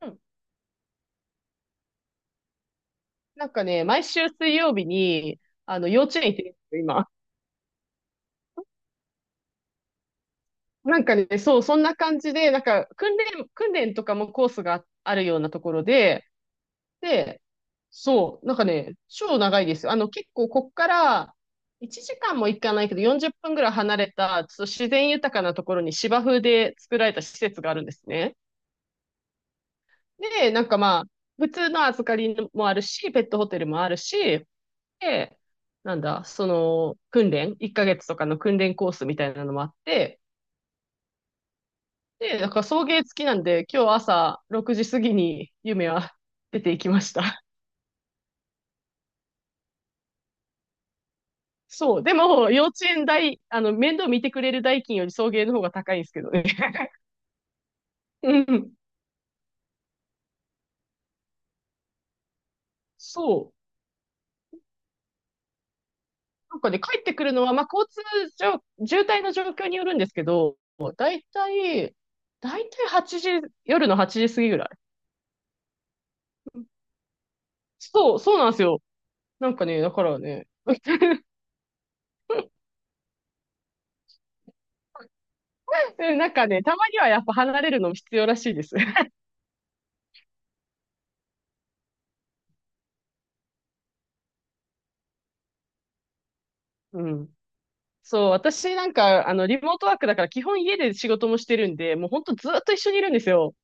うん。なんかね、毎週水曜日に、幼稚園行ってるんですよ、今。なんかね、そう、そんな感じで、なんか、訓練とかもコースがあるようなところで、で、そう、なんかね、超長いですよ。結構、こっから、1時間も行かないけど、40分ぐらい離れた、ちょっと自然豊かなところに芝生で作られた施設があるんですね。で、なんかまあ、普通の預かりもあるし、ペットホテルもあるし、で、なんだ、その、訓練、1ヶ月とかの訓練コースみたいなのもあって、で、だから送迎付きなんで、今日朝6時過ぎに夢は出ていきました。そう、でも、幼稚園代、面倒見てくれる代金より送迎の方が高いんですけどね。うん。そう。なんかね、帰ってくるのは、まあ、交通状、渋滞の状況によるんですけど、だいたい、だいたい8時、夜の8時過ぎぐらい。そう、そうなんですよ。なんかね、だからね、うん、なんかね、たまにはやっぱ離れるのも必要らしいです。うん。そう、私なんか、リモートワークだから基本家で仕事もしてるんで、もうほんとずっと一緒にいるんですよ。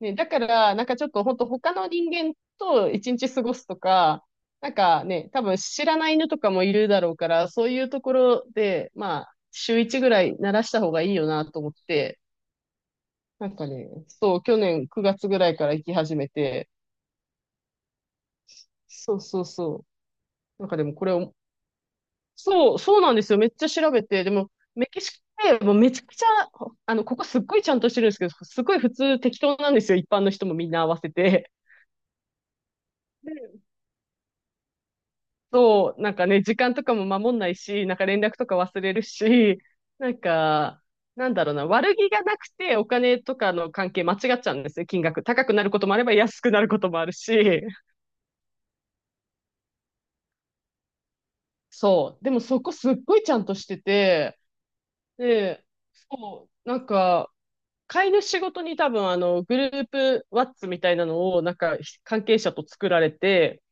ね、だから、なんかちょっとほんと他の人間と一日過ごすとか、なんかね、多分知らない犬とかもいるだろうから、そういうところで、まあ、週一ぐらい慣らした方がいいよなと思って、なんかね、そう、去年9月ぐらいから行き始めて、そうそうそう。なんかでもこれそう、そうなんですよ。めっちゃ調べて。でも、メキシコってもうめちゃくちゃ、ここすっごいちゃんとしてるんですけど、すごい普通適当なんですよ。一般の人もみんな合わせて。で、そう、なんかね、時間とかも守んないし、なんか連絡とか忘れるし、なんか、なんだろうな、悪気がなくてお金とかの関係間違っちゃうんですよ、金額。高くなることもあれば安くなることもあるし。そう。でもそこすっごいちゃんとしてて、で、そう、なんか、飼い主ごとに多分あのグループワッツみたいなのをなんか関係者と作られて、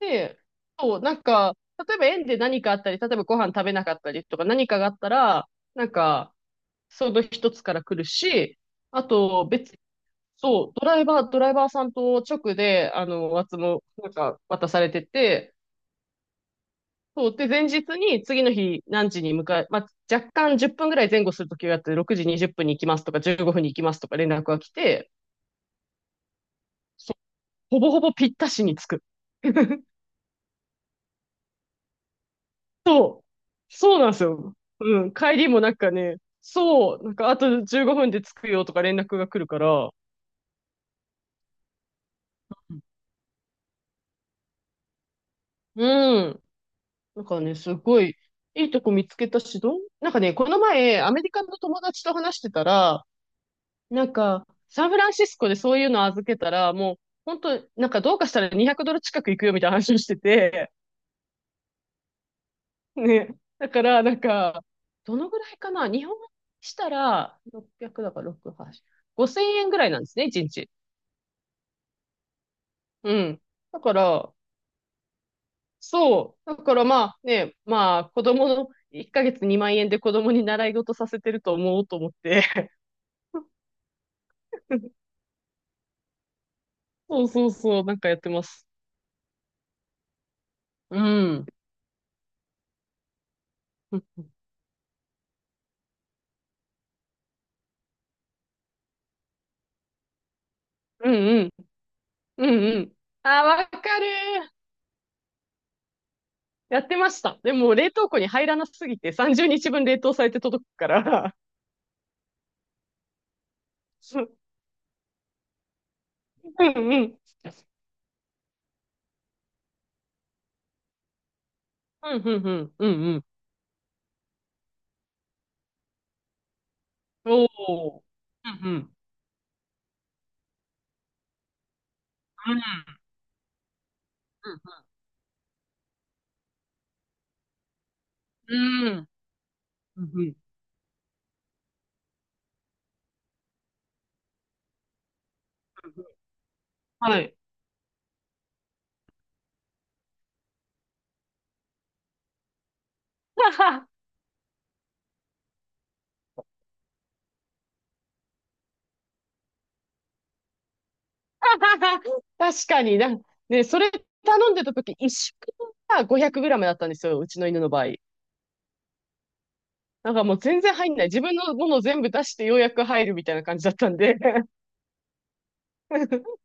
で、そう、なんか、例えば園で何かあったり、例えばご飯食べなかったりとか何かがあったら、なんか、その一つから来るし、あと別、そう、ドライバーさんと直で、ワッツもなんか渡されてて、そう、で、前日に次の日何時に向かい、まあ、若干10分ぐらい前後するときをやって、6時20分に行きますとか、15分に行きますとか連絡が来て、そほぼほぼぴったしに着く。そう。そうなんですよ。うん。帰りもなんかね、そう、なんかあと15分で着くよとか連絡が来るから、うん。なんかね、すごい、いいとこ見つけたし、なんかね、この前、アメリカの友達と話してたら、なんか、サンフランシスコでそういうの預けたら、もう、本当なんかどうかしたら200ドル近く行くよみたいな話をしてて、ね。だから、なんか、どのぐらいかな日本円にしたら、600だから6、8、5000円ぐらいなんですね、1日。うん。だから、そう。だからまあね、まあ、子供の1ヶ月2万円で子供に習い事させてると思おうと思って。そうそうそう、なんかやってます。うん。うんうん。うんうん。あー、わかる。やってました。でも、冷凍庫に入らなすぎて、30日分冷凍されて届くから。うんうん。うん、うん、うん、うん、うん。おー。うん、うん、うん、うん、うん、うん。うん。はい。確かにな、ね、それ頼んでた時、一食分が 500g だったんですよ、うちの犬の場合。なんかもう全然入んない。自分のものを全部出してようやく入るみたいな感じだったんで。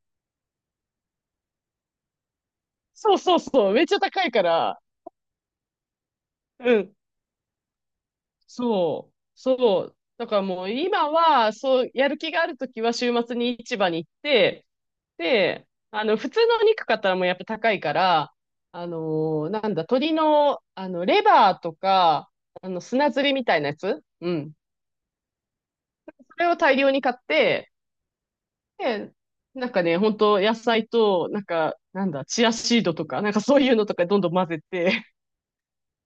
そうそうそう、めっちゃ高いから。うん。そう、そう。だからもう今は、そう、やる気があるときは週末に市場に行って、で、普通のお肉買ったらもうやっぱ高いから、あのなんだ、鶏の、レバーとか、砂ずりみたいなやつ。うん。それを大量に買って、で、なんかね、本当野菜と、なんか、なんだ、チアシードとか、なんかそういうのとかどんどん混ぜて、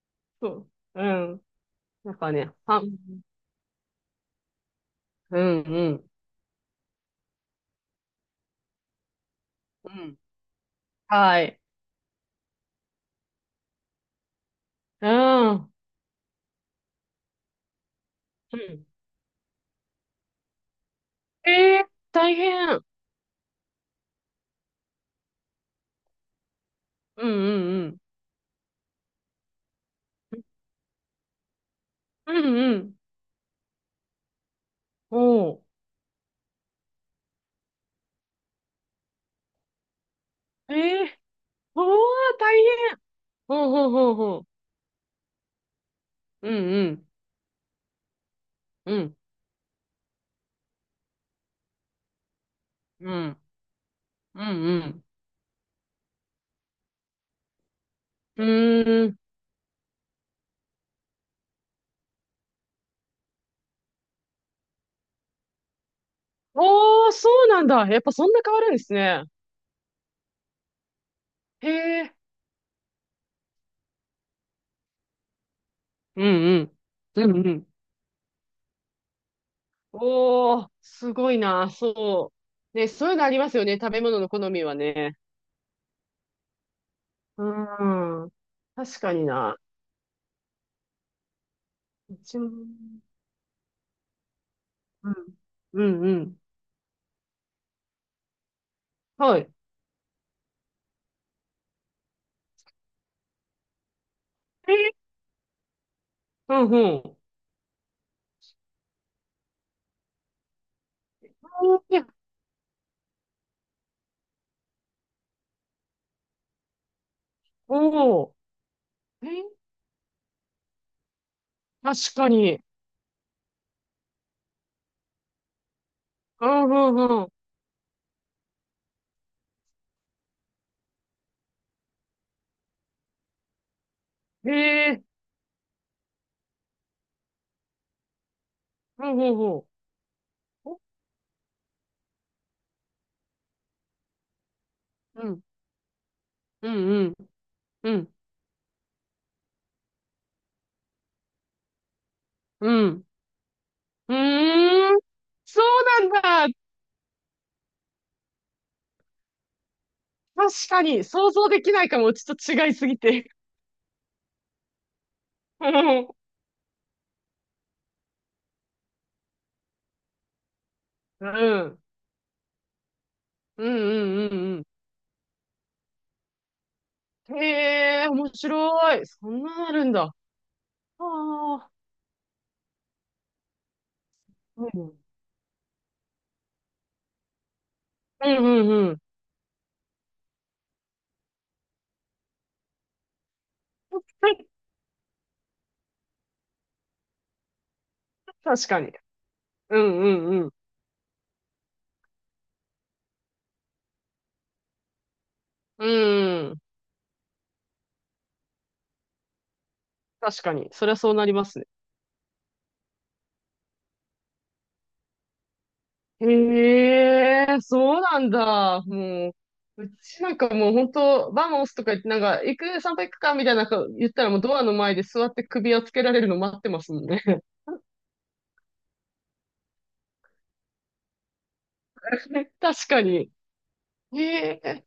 そう、うん。なんかね、はん、うん、うん、うん。はい。うん。うん。えー大変。うんうんうん。うんうん。おう。えおおー、大変。ほうほうほうほう。うんうん。うんうん。うんうん。うーん。おー、そうなんだ。やっぱそんな変わるんですね。へえ。うんうん。うんうん。おー、すごいな。そう。ね、そういうのありますよね。食べ物の好みはね。うん。確かにな。うちも、うん。うんうん。はい。えーうんうん。おおー、えー確かに。うんうんうん。えーうんうんうん。お。うん、うん、うん、うん、うん。うーん、そうなんだ。確かに、想像できないかも。ちょっと違いすぎて。うん、うん、うん、うん、うん。へえ、面白い。そんなのあるんだ。ああ、うん、うん、うん、うん。確かに。うん、うん、うん。うん。確かに。そりゃそうなりますね。へえ、そうなんだ。もう、うちなんかもう本当、バモスとか言って、なんか、散歩行くかみたいなこと言ったらもうドアの前で座って首をつけられるの待ってますもんね。確かに。へえ、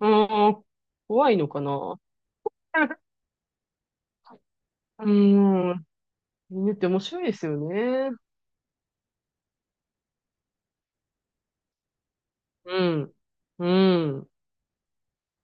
うん、怖いのかな。うん、犬って面白いですよね。うん、うん。